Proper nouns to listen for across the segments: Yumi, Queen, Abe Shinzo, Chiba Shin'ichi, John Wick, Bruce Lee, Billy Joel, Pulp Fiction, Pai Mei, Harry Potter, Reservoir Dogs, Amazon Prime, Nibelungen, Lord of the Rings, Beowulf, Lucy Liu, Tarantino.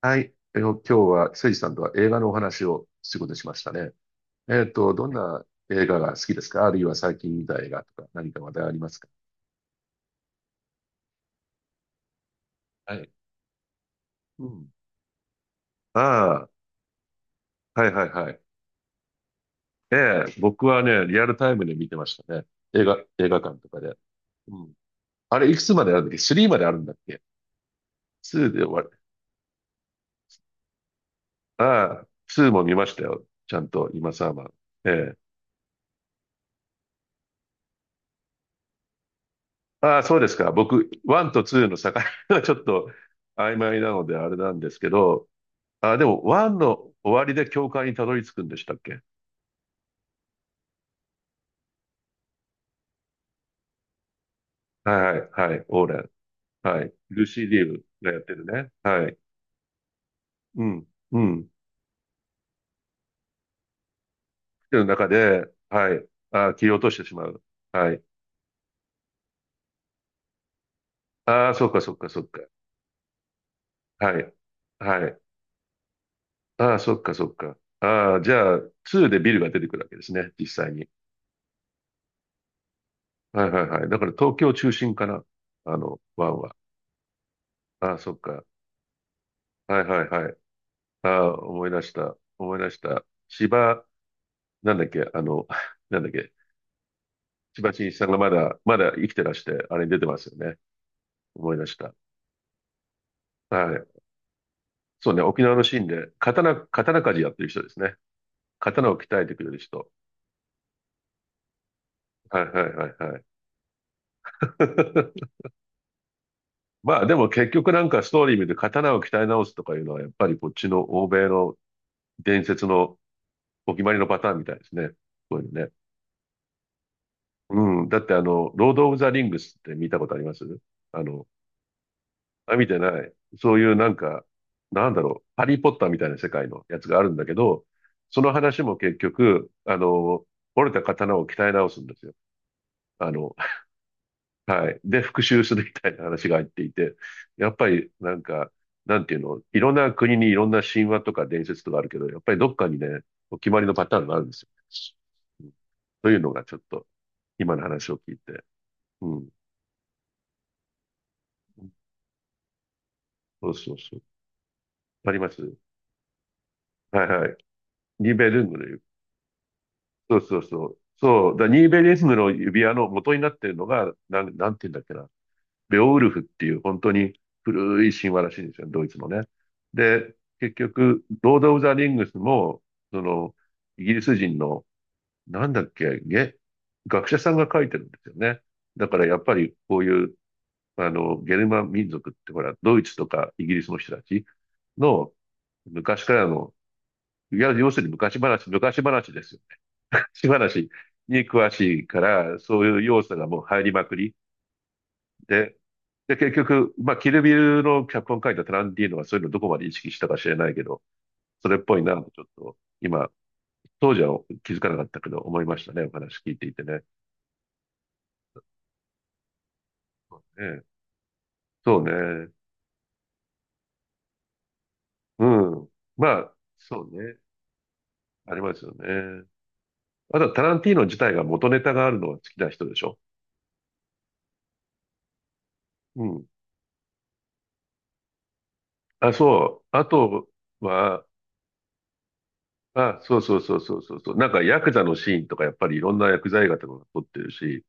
はい。今日は、誠司さんとは映画のお話をすることにしましたね。どんな映画が好きですか？あるいは最近見た映画とか何か話題ありますか？はい。うん。ああ、はいはいはい。ええ、僕はね、リアルタイムで見てましたね。映画館とかで。うん。あれ、いくつまであるんだっけ？ 3 まであるんだっけ？ 2 で終わる。ああ、ツーも見ましたよ。ちゃんと、今さま。ええ。ああ、そうですか。僕、1と2の境がちょっと曖昧なのであれなんですけど、あ、でも、ワンの終わりで教会にたどり着くんでしたっけ？はい、はい、オーレン。はい。ルシー・リーブがやってるね。はい。うん、うん。っていう中で、はい。あ、切り落としてしまう。はい。ああ、そっかそっかそっか。はい。はい。ああ、そっかそっか。ああ、じゃあ、2でビルが出てくるわけですね、実際に。はいはいはい。だから東京中心かな、ワンは。ああ、そっか。はいはいはい。ああ、思い出した。思い出した。芝、なんだっけ、あの、なんだっけ、千葉真一さんがまだ生きてらして、あれに出てますよね。思い出した。はい。そうね、沖縄のシーンで、刀鍛冶やってる人ですね。刀を鍛えてくれる人。はいはいはいはい。まあでも結局なんかストーリー見て刀を鍛え直すとかいうのは、やっぱりこっちの欧米の伝説のお決まりのパターンみたいですね。こういうのね。うん。だってロード・オブ・ザ・リングスって見たことありますあの、あ、見てない。そういうなんか、なんだろう、ハリー・ポッターみたいな世界のやつがあるんだけど、その話も結局、折れた刀を鍛え直すんですよ。あの、はい。で、復讐するみたいな話が入っていて、やっぱりなんか、なんていうの、いろんな国にいろんな神話とか伝説とかあるけど、やっぱりどっかにね、お決まりのパターンがあるんですよ。うん、というのがちょっと、今の話を聞いて。うん。そうそうそう。ありますはいはい。リベルングのそうそうそう。ニーベリズムの指輪の元になってるのが、なんて言うんだっけな。ベオウルフっていう本当に古い神話らしいんですよ、ドイツのね。で、結局、ロード・オブ・ザ・リングスも、その、イギリス人の、なんだっけ、げ、学者さんが書いてるんですよね。だからやっぱりこういう、ゲルマン民族ってほら、ドイツとかイギリスの人たちの昔からの、いや、要するに昔話ですよ。し話に詳しいから、そういう要素がもう入りまくりで、で、結局、まあ、キルビルの脚本書いたタランティーノはそういうのどこまで意識したか知れないけど、それっぽいな、ちょっと、今、当時は気づかなかったけど、思いましたね、お話聞いていてね。そうね。そうね。うん。まあ、そうね。ありますよね。あとはタランティーノ自体が元ネタがあるのが好きな人でしょ。うん。あ、そう。あとは、あ、そうそうそうそうそうそう。なんかヤクザのシーンとかやっぱりいろんな薬剤映画とかが撮ってるし、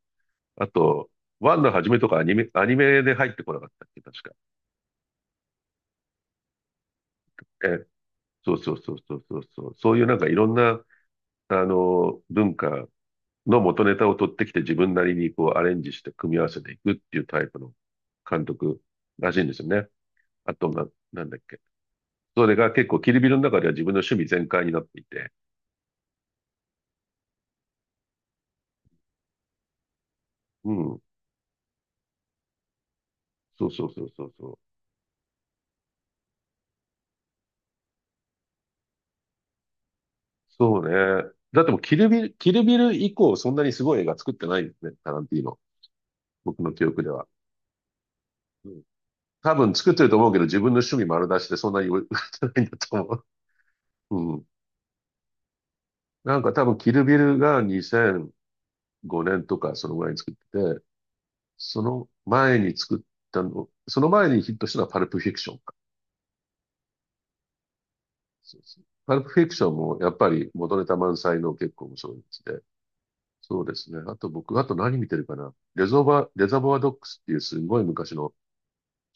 あと、ワンの初めとかアニメで入ってこなかったっけ、確か。え、そうそうそうそうそうそう。そういうなんかいろんな、文化の元ネタを取ってきて自分なりにこうアレンジして組み合わせていくっていうタイプの監督らしいんですよね。あとな、なんだっけ。それが結構キルビルの中では自分の趣味全開になっていて。うん。そうそうそうそうそう。そうね。だってもうキルビル以降そんなにすごい映画作ってないですね、タランティーノ。僕の記憶では。うん、多分作ってると思うけど、自分の趣味丸出しでそんなに売ってないんだと思う。うん。なんか多分キルビルが2005年とかそのぐらいに作ってて、その前に作ったの、その前にヒットしたのはパルプフィクションか。そうですね。パルプフィクションもやっぱり元ネタ満載の結構面白いやつで。そうですね。あと僕、あと何見てるかな。レゾバ、レザボアドックスっていうすごい昔の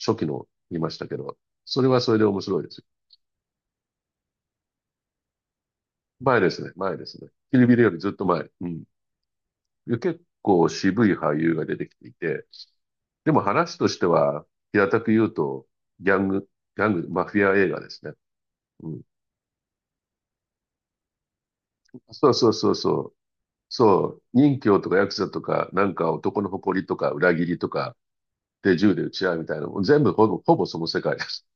初期の見ましたけど、それはそれで面白いですよ。前ですね。キルビルよりずっと前。うん。結構渋い俳優が出てきていて、でも話としては、平たく言うと、ギャング、ギャング、マフィア映画ですね。うん。そうそうそうそう。そう。任侠とかヤクザとか、なんか男の誇りとか裏切りとか、で銃で撃ち合うみたいなのも、全部ほぼ、ほぼその世界です。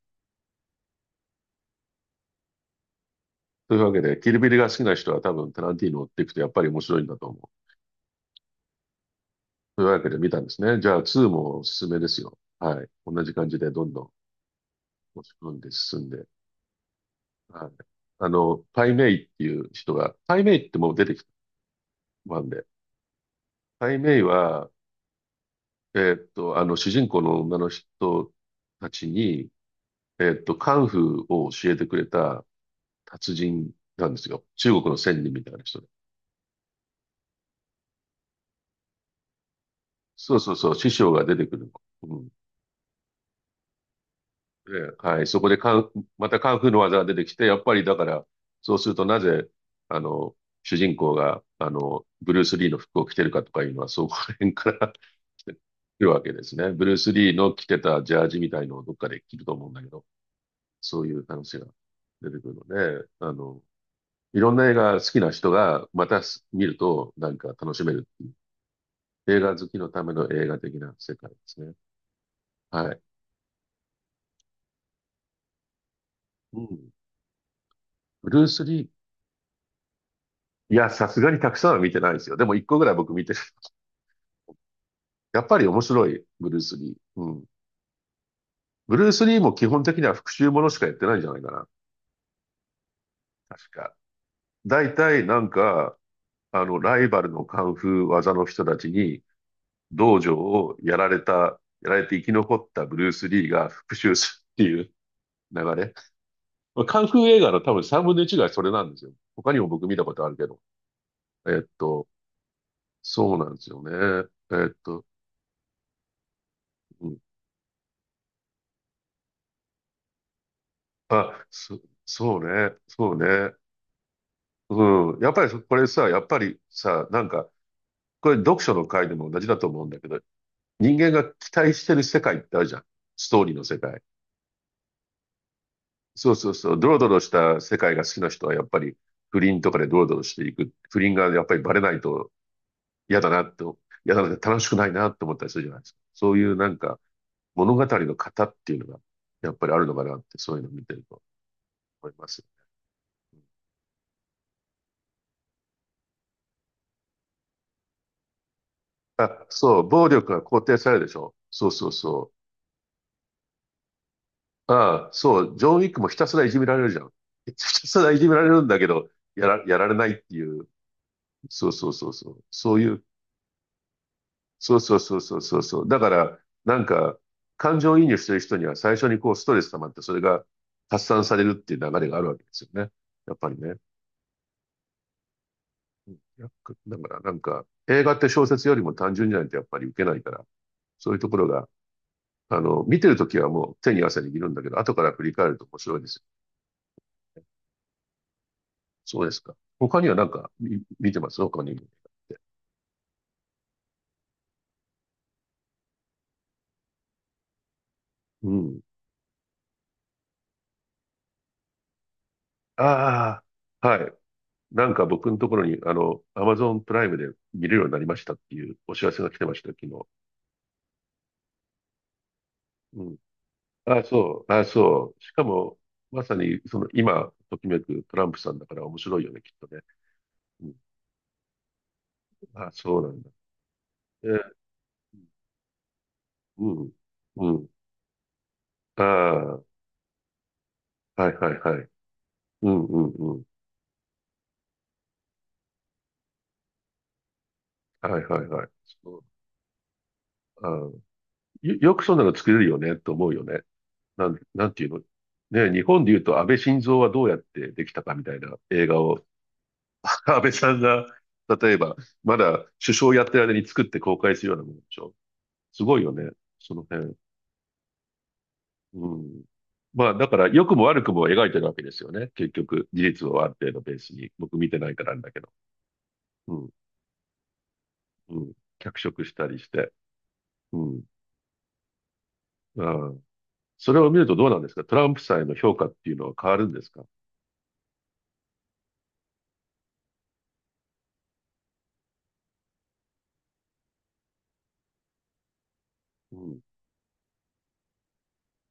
というわけで、キルビルが好きな人は多分タランティーノを追っていくとやっぱり面白いんだと思う。というわけで見たんですね。じゃあ、2もおすすめですよ。はい。同じ感じでどんどん押し込んで進んで。はい。パイメイっていう人が、パイメイってもう出てきたんで、パイメイは、主人公の女の人たちに、カンフーを教えてくれた達人なんですよ。中国の仙人みたいな人で。そうそうそう、師匠が出てくるの。う、ええはい。そこでカン、またカンフーの技が出てきて、やっぱりだから、そうするとなぜ、あの、主人公が、ブルース・リーの服を着てるかとかいうのは、そこら辺から 来てるわけですね。ブルース・リーの着てたジャージみたいのをどっかで着ると思うんだけど、そういう話が出てくるので、いろんな映画好きな人が、またす見ると、なんか楽しめるっていう、映画好きのための映画的な世界ですね。はい。うん。ブルース・リー、いや、さすがにたくさんは見てないですよ。でも一個ぐらい僕見てる。やっぱり面白い、ブルース・リー。うん。ブルース・リーも基本的には復讐ものしかやってないんじゃないかな。確か。大体なんか、あの、ライバルのカンフー技の人たちに、道場をやられた、やられて生き残ったブルース・リーが復讐するっていう 流れ。まあカンフー映画の多分3分の1がそれなんですよ。他にも僕見たことあるけど。えっと、そうなんですよね。うん。そうね。そうね。うん。やっぱりそこれさ、やっぱりさ、なんか、これ読書の回でも同じだと思うんだけど、人間が期待してる世界ってあるじゃん。ストーリーの世界。そうそうそう。ドロドロした世界が好きな人はやっぱり不倫とかでドロドロしていく。不倫がやっぱりバレないと嫌だなと、嫌だな、楽しくないなって思ったりするじゃないですか。そういう物語の型っていうのがやっぱりあるのかなって、そういうのを見てると思います。あ、そう、暴力が肯定されるでしょ。そうそうそう。ああ、そう、ジョン・ウィックもひたすらいじめられるじゃん。ひたすらいじめられるんだけど、やられないっていう。そうそうそうそう。そういう、そうそうそうそうそうそう。だから、なんか、感情移入してる人には最初にこうストレス溜まって、それが発散されるっていう流れがあるわけですよね。やっぱりね。うん、やっぱだから、映画って小説よりも単純じゃないとやっぱり受けないから、そういうところが、見てるときはもう手に汗握るんだけど、後から振り返ると面白いですよね。そうですか。他にはなんか見てます、他にも？うん。ああ、はい。なんか僕のところに、アマゾンプライムで見れるようになりましたっていうお知らせが来てました、昨日。うん。ああ、そう。ああ、そう。しかも、まさに、その、今、ときめくトランプさんだから面白いよね、きっとね。うん。ああ、そうなんだ。え、うん。うん。ああ、はいはいはい。うんうんうん。はいはいはい。そう。ああ、よくそんなの作れるよね、と思うよね。なんていうの、ね、日本で言うと安倍晋三はどうやってできたかみたいな映画を、安倍さんが、例えば、まだ首相やってる間に作って公開するようなものでしょ。すごいよね、その辺。うん。まあ、だから、良くも悪くも描いてるわけですよね。結局、事実をある程度ベースに。僕見てないからあれだけど。うん、うん。脚色したりして。うん。ああ。それを見るとどうなんですか、トランプさんへの評価っていうのは変わるんですか？うん。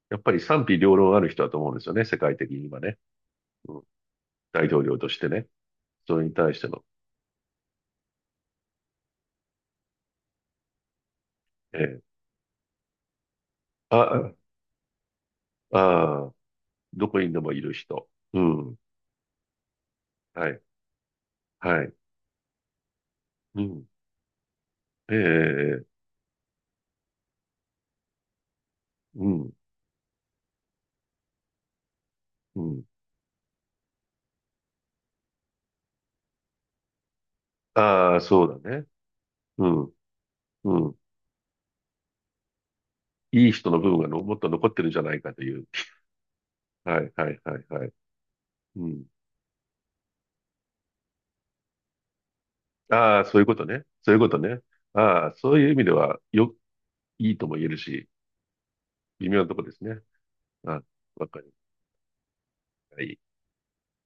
やっぱり賛否両論ある人だと思うんですよね、世界的に今ね。うん、大統領としてね、それに対しての、ええ、あ、ああ、どこにでもいる人。うん。はい。はい。うん。ええ、うん。うん。ああ、そうだね。うん。うん。いい人の部分がのもっと残ってるんじゃないかという。はい、はい、はい、はい。うん。ああ、そういうことね。そういうことね。ああ、そういう意味では、いいとも言えるし、微妙なとこですね。あ、わかりました。